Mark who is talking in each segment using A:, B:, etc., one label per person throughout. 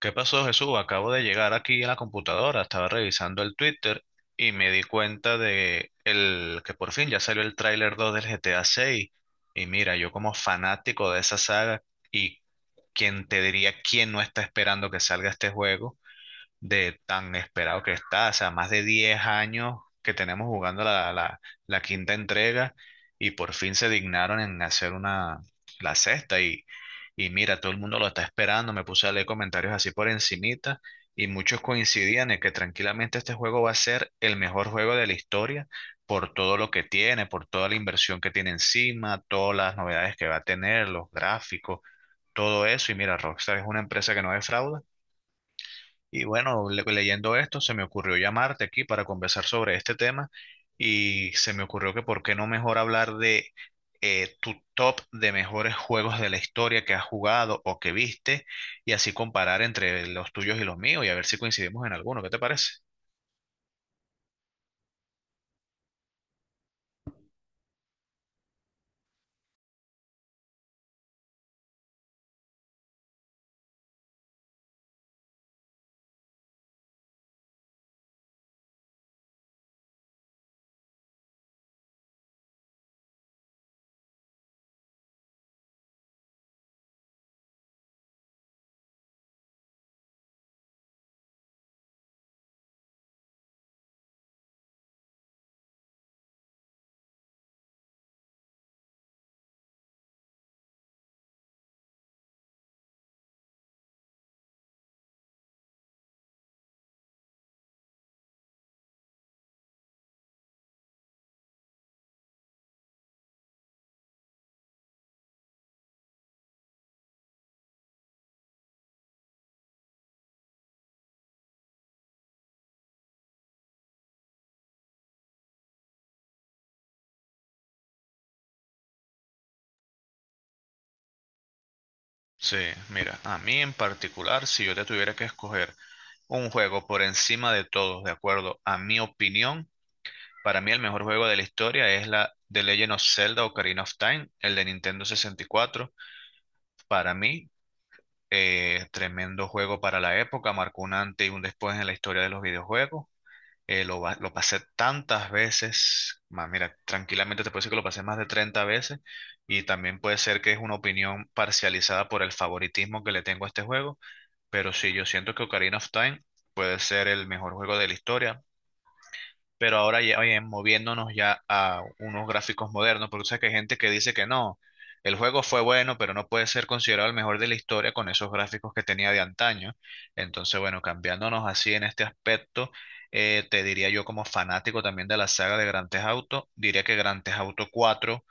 A: ¿Qué pasó, Jesús? Acabo de llegar aquí a la computadora, estaba revisando el Twitter y me di cuenta de que por fin ya salió el tráiler 2 del GTA 6. Y mira, yo como fanático de esa saga y quien te diría quién no está esperando que salga este juego, de tan esperado que está, o sea, más de 10 años que tenemos jugando la quinta entrega y por fin se dignaron en hacer una, la sexta y mira, todo el mundo lo está esperando, me puse a leer comentarios así por encimita y muchos coincidían en que tranquilamente este juego va a ser el mejor juego de la historia por todo lo que tiene, por toda la inversión que tiene encima, todas las novedades que va a tener, los gráficos, todo eso y mira, Rockstar es una empresa que no defrauda y bueno, leyendo esto, se me ocurrió llamarte aquí para conversar sobre este tema y se me ocurrió que por qué no mejor hablar de tu top de mejores juegos de la historia que has jugado o que viste y así comparar entre los tuyos y los míos y a ver si coincidimos en alguno. ¿Qué te parece? Sí, mira, a mí en particular, si yo te tuviera que escoger un juego por encima de todos, de acuerdo a mi opinión, para mí el mejor juego de la historia es la The Legend of Zelda Ocarina of Time, el de Nintendo 64. Para mí, tremendo juego para la época, marcó un antes y un después en la historia de los videojuegos. Lo pasé tantas veces, más, mira, tranquilamente te puedo decir que lo pasé más de 30 veces y también puede ser que es una opinión parcializada por el favoritismo que le tengo a este juego, pero sí, yo siento que Ocarina of Time puede ser el mejor juego de la historia, pero ahora ya oye, moviéndonos ya a unos gráficos modernos, porque tú sabes que hay gente que dice que no, el juego fue bueno, pero no puede ser considerado el mejor de la historia con esos gráficos que tenía de antaño. Entonces, bueno, cambiándonos así en este aspecto, te diría yo como fanático también de la saga de Grand Theft Auto, diría que Grand Theft Auto 4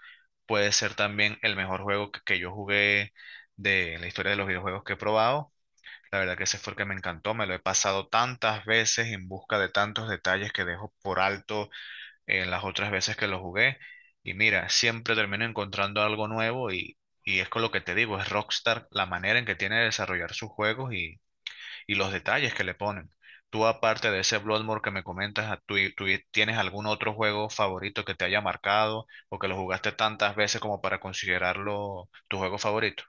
A: puede ser también el mejor juego que yo jugué de la historia de los videojuegos que he probado. La verdad que ese fue el que me encantó, me lo he pasado tantas veces en busca de tantos detalles que dejo por alto en las otras veces que lo jugué. Y mira, siempre termino encontrando algo nuevo y es con lo que te digo, es Rockstar la manera en que tiene de desarrollar sus juegos y los detalles que le ponen. Tú, aparte de ese Bloodborne que me comentas, ah, ¿tú tienes algún otro juego favorito que te haya marcado o que lo jugaste tantas veces como para considerarlo tu juego favorito?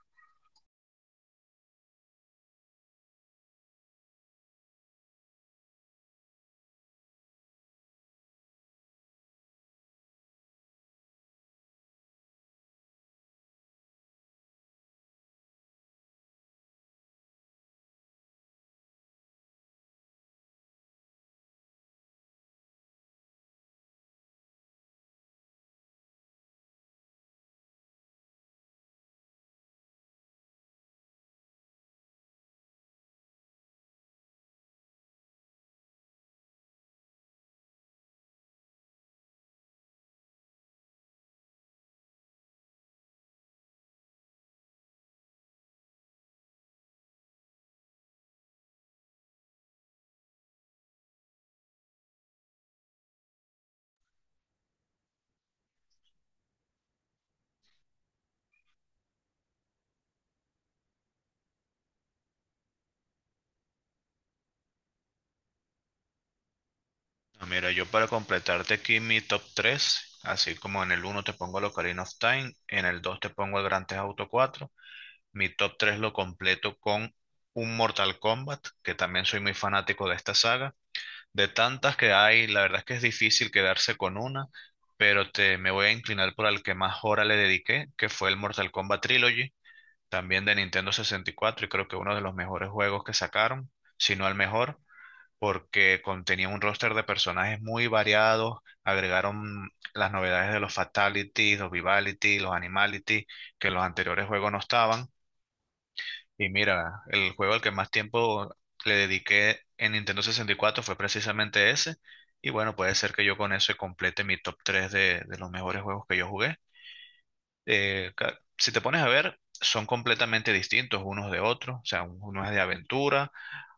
A: Ah, mira, yo para completarte aquí mi top tres, así como en el uno te pongo el Ocarina of Time, en el 2 te pongo el Grand Theft Auto cuatro. Mi top 3 lo completo con un Mortal Kombat, que también soy muy fanático de esta saga. De tantas que hay, la verdad es que es difícil quedarse con una, pero me voy a inclinar por el que más hora le dediqué, que fue el Mortal Kombat Trilogy, también de Nintendo 64, y cuatro, y creo que uno de los mejores juegos que sacaron, si no el mejor, porque contenía un roster de personajes muy variados, agregaron las novedades de los Fatalities, los Vivalities, los Animalities, que en los anteriores juegos no estaban y mira, el juego al que más tiempo le dediqué en Nintendo 64 fue precisamente ese. Y bueno, puede ser que yo con eso complete mi top 3 de los mejores juegos que yo jugué. Si te pones a ver, son completamente distintos unos de otros. O sea, uno es de aventura,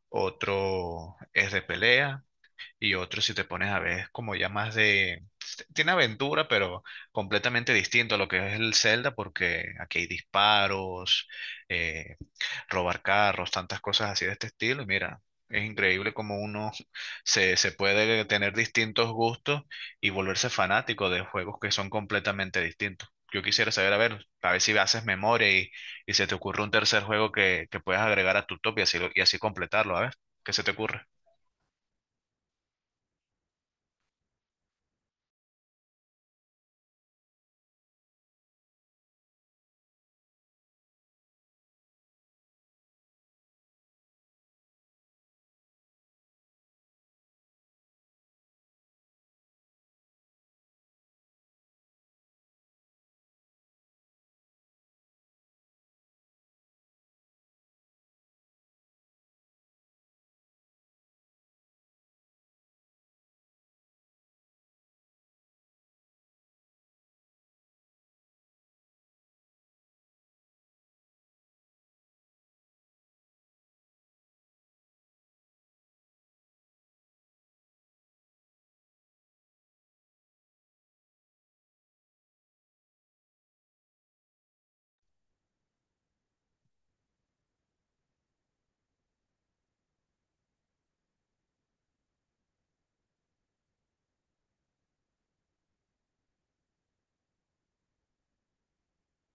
A: otro es de pelea y otro, si te pones a ver, es como ya más de... Tiene aventura, pero completamente distinto a lo que es el Zelda, porque aquí hay disparos, eh, robar carros, tantas cosas así de este estilo. Y mira, es increíble cómo uno se puede tener distintos gustos y volverse fanático de juegos que son completamente distintos. Yo quisiera saber, a ver si haces memoria y se te ocurre un tercer juego que puedas agregar a tu top y así, y así completarlo, a ver, ¿qué se te ocurre?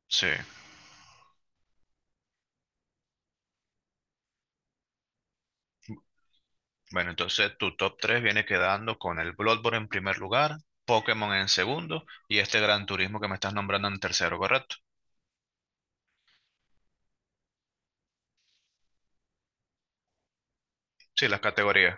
A: Sí. Bueno, entonces tu top 3 viene quedando con el Bloodborne en primer lugar, Pokémon en segundo y este Gran Turismo que me estás nombrando en tercero, ¿correcto? Sí, las categorías.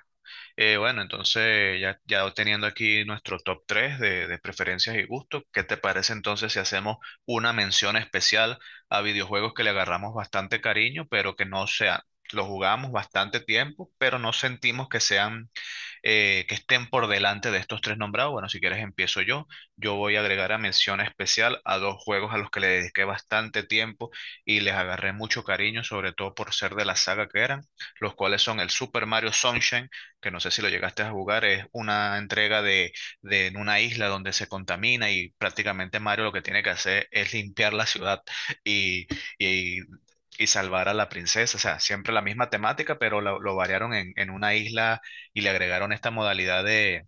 A: Bueno, entonces ya, ya teniendo aquí nuestro top 3 de preferencias y gustos, ¿qué te parece entonces si hacemos una mención especial a videojuegos que le agarramos bastante cariño, pero que no sean, los jugamos bastante tiempo, pero no sentimos que sean que estén por delante de estos tres nombrados? Bueno, si quieres empiezo yo. Yo voy a agregar a mención especial a dos juegos a los que le dediqué bastante tiempo y les agarré mucho cariño, sobre todo por ser de la saga que eran, los cuales son el Super Mario Sunshine, que no sé si lo llegaste a jugar, es una entrega de en una isla donde se contamina y prácticamente Mario lo que tiene que hacer es limpiar la ciudad y, y y salvar a la princesa. O sea, siempre la misma temática, pero lo variaron en una isla y le agregaron esta modalidad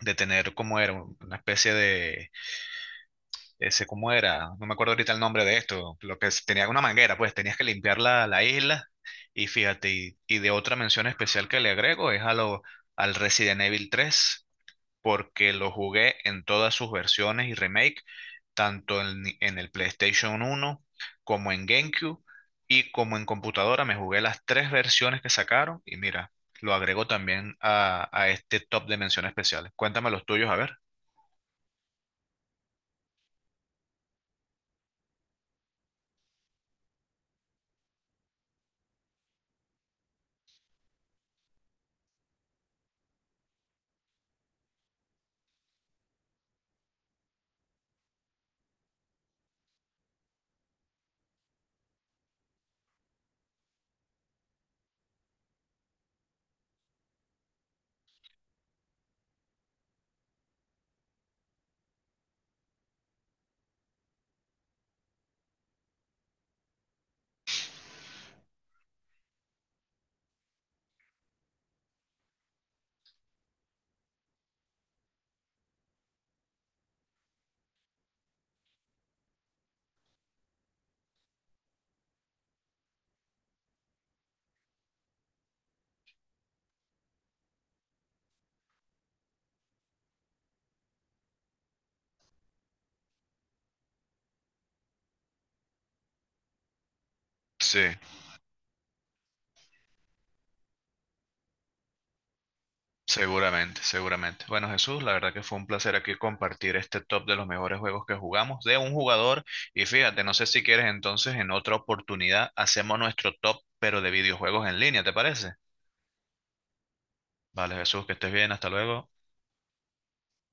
A: de tener como era una especie de, ese cómo era, no me acuerdo ahorita el nombre de esto, lo tenía una manguera, pues tenías que limpiar la, la isla y fíjate, y de otra mención especial que le agrego es a al Resident Evil tres, porque lo jugué en todas sus versiones y remake, tanto en el PlayStation uno, como en GameCube y como en computadora. Me jugué las tres versiones que sacaron y mira, lo agrego también a este top de menciones especiales. Cuéntame los tuyos, a ver. Sí, seguramente, seguramente. Bueno, Jesús, la verdad que fue un placer aquí compartir este top de los mejores juegos que jugamos de un jugador. Y fíjate, no sé si quieres entonces en otra oportunidad hacemos nuestro top, pero de videojuegos en línea, ¿te parece? Vale, Jesús, que estés bien, hasta luego.